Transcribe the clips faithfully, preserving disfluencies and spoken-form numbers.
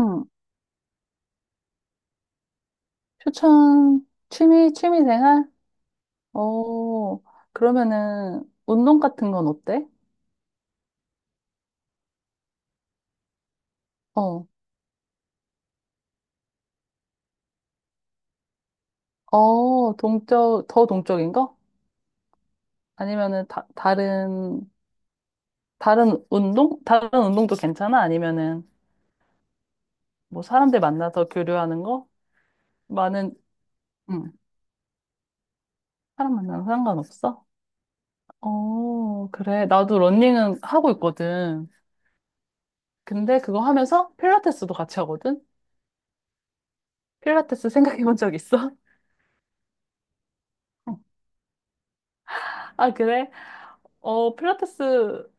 응. 추천, 취미, 취미 생활? 어, 그러면은, 운동 같은 건 어때? 어, 어, 동적, 더 동적인 거? 아니면은, 다, 다른, 다른 운동? 다른 운동도 괜찮아? 아니면은, 뭐, 사람들 만나서 교류하는 거? 많은, 응, 사람 만나는 거 상관없어? 어, 그래. 나도 러닝은 하고 있거든. 근데 그거 하면서 필라테스도 같이 하거든? 필라테스 생각해 본 적 있어? 아, 그래? 어, 필라테스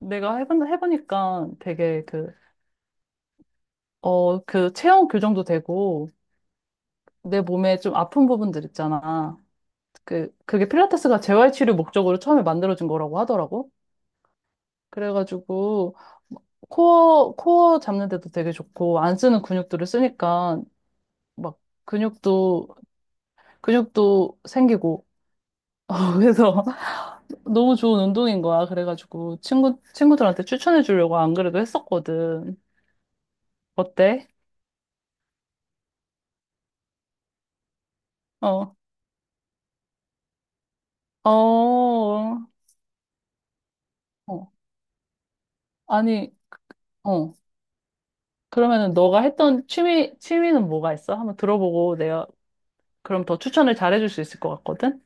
내가 해본, 해보니까 되게 그, 어, 그 체형 교정도 되고 내 몸에 좀 아픈 부분들 있잖아. 그, 그게 필라테스가 재활치료 목적으로 처음에 만들어진 거라고 하더라고. 그래가지고 코어, 코어 잡는 데도 되게 좋고 안 쓰는 근육들을 쓰니까 막 근육도, 근육도 생기고. 어, 그래서 너무 좋은 운동인 거야. 그래가지고 친구, 친구들한테 추천해 주려고 안 그래도 했었거든. 어때? 어. 어, 어, 아니, 어. 그러면은 너가 했던 취미, 취미는 뭐가 있어? 한번 들어보고 내가 그럼 더 추천을 잘해줄 수 있을 것 같거든?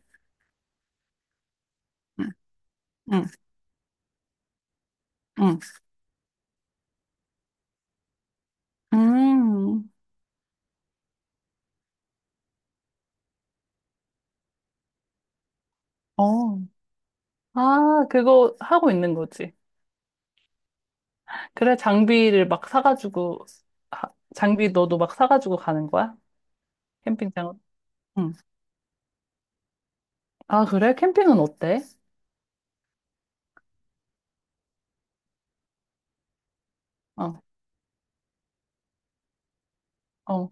응, 응, 응. 음, 어, 아, 그거 하고 있는 거지. 그래, 장비를 막 사가지고, 하- 장비 너도 막 사가지고 가는 거야? 캠핑장은? 응. 아, 그래? 캠핑은 어때? 어, 어,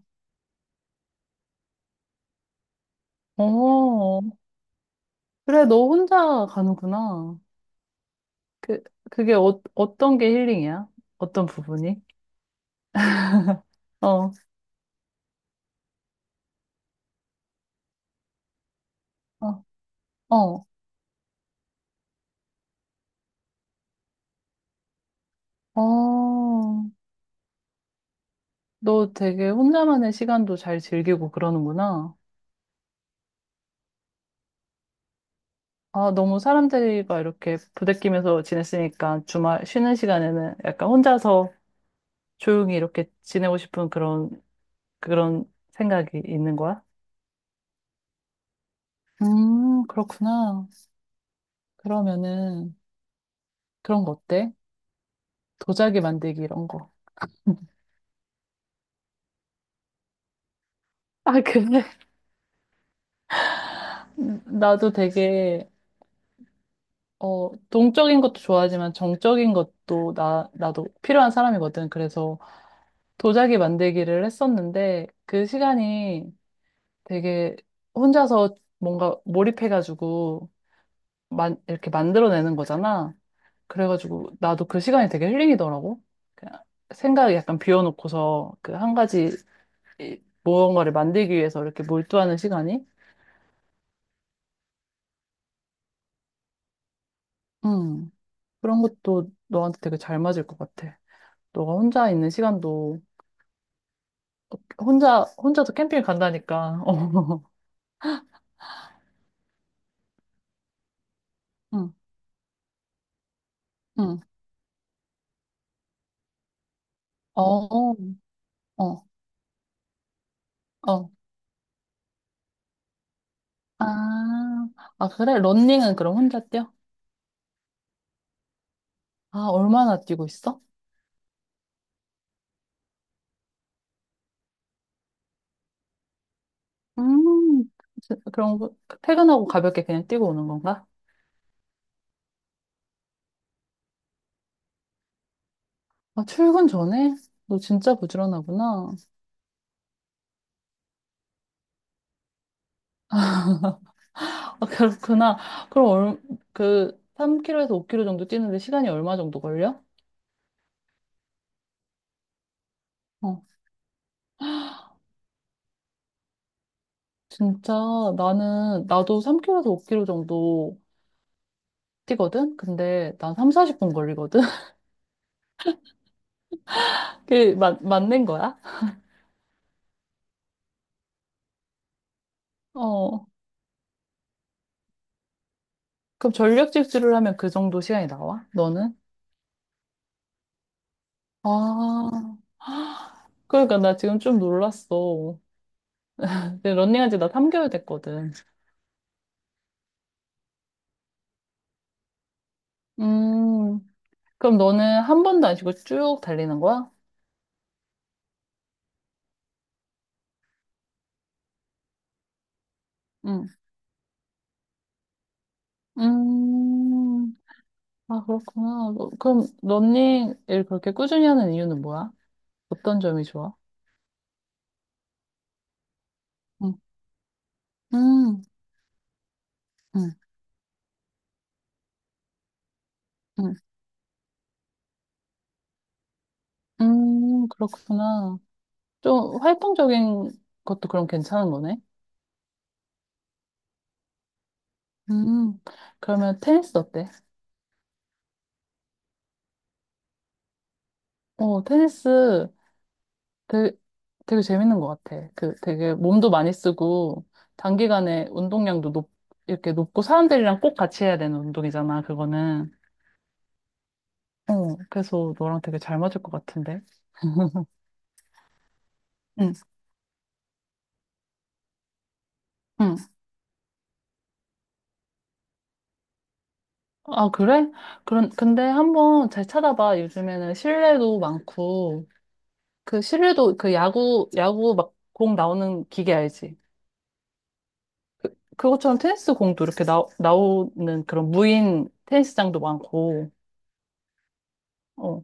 어. 그래, 너 혼자 가는구나. 그, 그게 어, 어떤 게 힐링이야? 어떤 부분이? 어, 어, 어, 어. 너 되게 혼자만의 시간도 잘 즐기고 그러는구나. 아, 너무 사람들과 이렇게 부대끼면서 지냈으니까 주말 쉬는 시간에는 약간 혼자서 조용히 이렇게 지내고 싶은 그런, 그런 생각이 있는 거야? 음, 그렇구나. 그러면은 그런 거 어때? 도자기 만들기 이런 거. 아, 그래? 나도 되게 어, 동적인 것도 좋아하지만 정적인 것도 나, 나도 필요한 사람이거든. 그래서 도자기 만들기를 했었는데 그 시간이 되게 혼자서 뭔가 몰입해가지고 만, 이렇게 만들어내는 거잖아. 그래가지고 나도 그 시간이 되게 힐링이더라고. 그냥 생각을 약간 비워놓고서 그 한 가지 이- 무언가를 만들기 위해서 이렇게 몰두하는 시간이? 음, 그런 것도 너한테 되게 잘 맞을 것 같아. 너가 혼자 있는 시간도 혼자, 혼자도 캠핑 간다니까. 어, 응, 응. 어, 어, 어. 아, 아, 그래? 런닝은 그럼 혼자 뛰어? 아, 얼마나 뛰고 있어? 음, 지- 그럼 그- 퇴근하고 가볍게 그냥 뛰고 오는 건가? 아, 출근 전에? 너 진짜 부지런하구나. 아, 그렇구나. 그럼 얼, 그, 삼 킬로미터에서 오 킬로미터 정도 뛰는데 시간이 얼마 정도 걸려? 어, 진짜 나는, 나도 삼 킬로미터에서 오 킬로미터 정도 뛰거든? 근데 난 삼십, 사십 분 걸리거든? 그, 맞, 맞는 거야? 어. 그럼 전력 질주를 하면 그 정도 시간이 나와? 너는? 아, 그러니까 나 지금 좀 놀랐어. 근데 런닝한 지 나 삼 개월 됐거든. 음, 그럼 너는 한 번도 안 쉬고 쭉 달리는 거야? 응. 음, 아, 그렇구나. 너- 그럼 런닝을 그렇게 꾸준히 하는 이유는 뭐야? 어떤 점이 좋아? 응. 음, 음, 음, 음, 그렇구나. 좀 활동적인 것도 그럼 괜찮은 거네? 음, 그러면 테니스 어때? 어, 테니스 되게, 되게 재밌는 것 같아. 그 되게 몸도 많이 쓰고, 단기간에 운동량도 높, 이렇게 높고, 사람들이랑 꼭 같이 해야 되는 운동이잖아, 그거는. 어, 그래서 너랑 되게 잘 맞을 것 같은데. 응, 응. 아, 그래? 그런, 근데 한번 잘 찾아봐. 요즘에는 실내도 많고, 그 실내도 그 야구, 야구 막 공 나오는 기계 알지? 그것처럼 테니스 공도 이렇게 나, 나오는 그런 무인 테니스장도 많고, 어,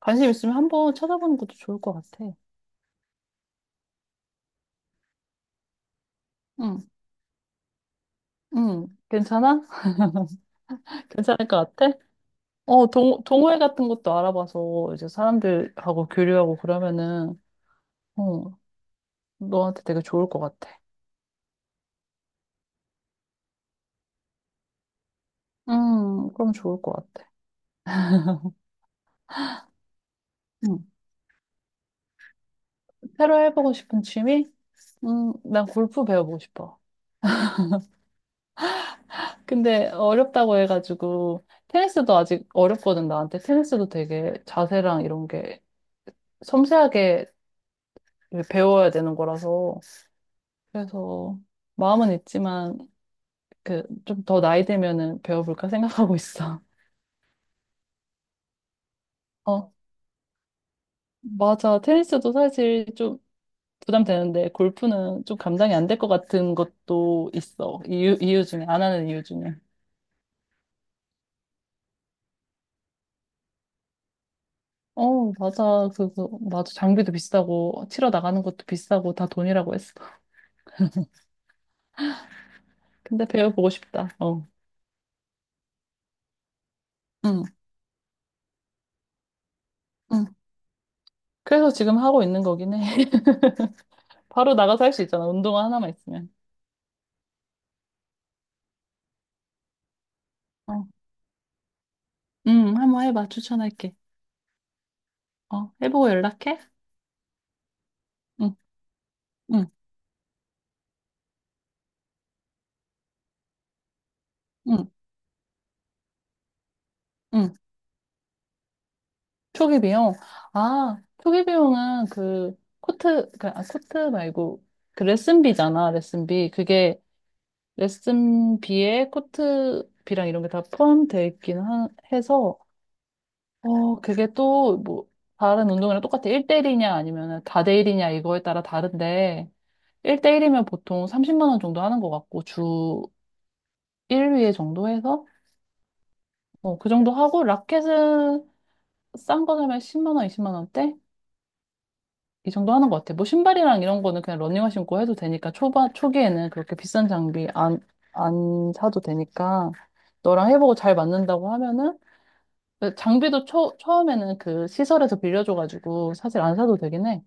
관심 있으면 한번 찾아보는 것도 좋을 것 같아. 응, 응, 괜찮아? 괜찮을 것 같아? 어, 동, 동호회 같은 것도 알아봐서 이제 사람들하고 교류하고 그러면은, 어, 너한테 되게 좋을 것 같아. 음, 그럼 좋을 것 같아. 응. 새로 해보고 싶은 취미? 음, 난 골프 배워보고 싶어. 근데 어렵다고 해가지고 테니스도 아직 어렵거든 나한테. 테니스도 되게 자세랑 이런 게 섬세하게 배워야 되는 거라서 그래서 마음은 있지만 그 좀 더 나이 되면은 배워볼까 생각하고 있어. 어, 맞아. 테니스도 사실 좀 부담되는데 골프는 좀 감당이 안 될 것 같은 것도 있어, 이유 이유 중에, 안 하는 이유 중에. 어, 맞아. 그거 맞아. 장비도 비싸고 치러 나가는 것도 비싸고 다 돈이라고 했어. 근데 배워보고 싶다. 어. 응, 응. 그래서 지금 하고 있는 거긴 해. 바로 나가서 할 수 있잖아. 운동화 하나만 있으면. 어. 응, 한번 해봐. 추천할게. 어, 해보고 연락해. 응. 응, 응, 응. 초기 비용. 아, 초기 비용은 그 코트, 그, 아, 코트 말고 그 레슨비잖아. 레슨비. 그게 레슨비에 코트비랑 이런 게 다 포함되어 있긴 하, 해서. 어, 그게 또, 뭐, 다른 운동이랑 똑같아. 일 대일이냐, 아니면 다대일이냐, 이거에 따라 다른데, 일 대일이면 보통 삼십만 원 정도 하는 것 같고, 주 일 회 정도 해서, 어, 그 정도 하고, 라켓은 싼 거 사면 십만 원, 이십만 원대? 이 정도 하는 것 같아. 뭐, 신발이랑 이런 거는 그냥 러닝화 신고 해도 되니까, 초반, 초기에는 그렇게 비싼 장비 안, 안 사도 되니까, 너랑 해보고 잘 맞는다고 하면은, 장비도 처, 처음에는 그 시설에서 빌려줘가지고, 사실 안 사도 되긴 해.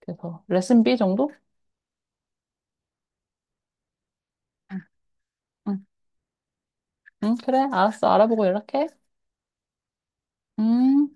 그래서 레슨 B 정도? 응, 응. 응, 그래. 알았어. 알아보고 연락해. 음.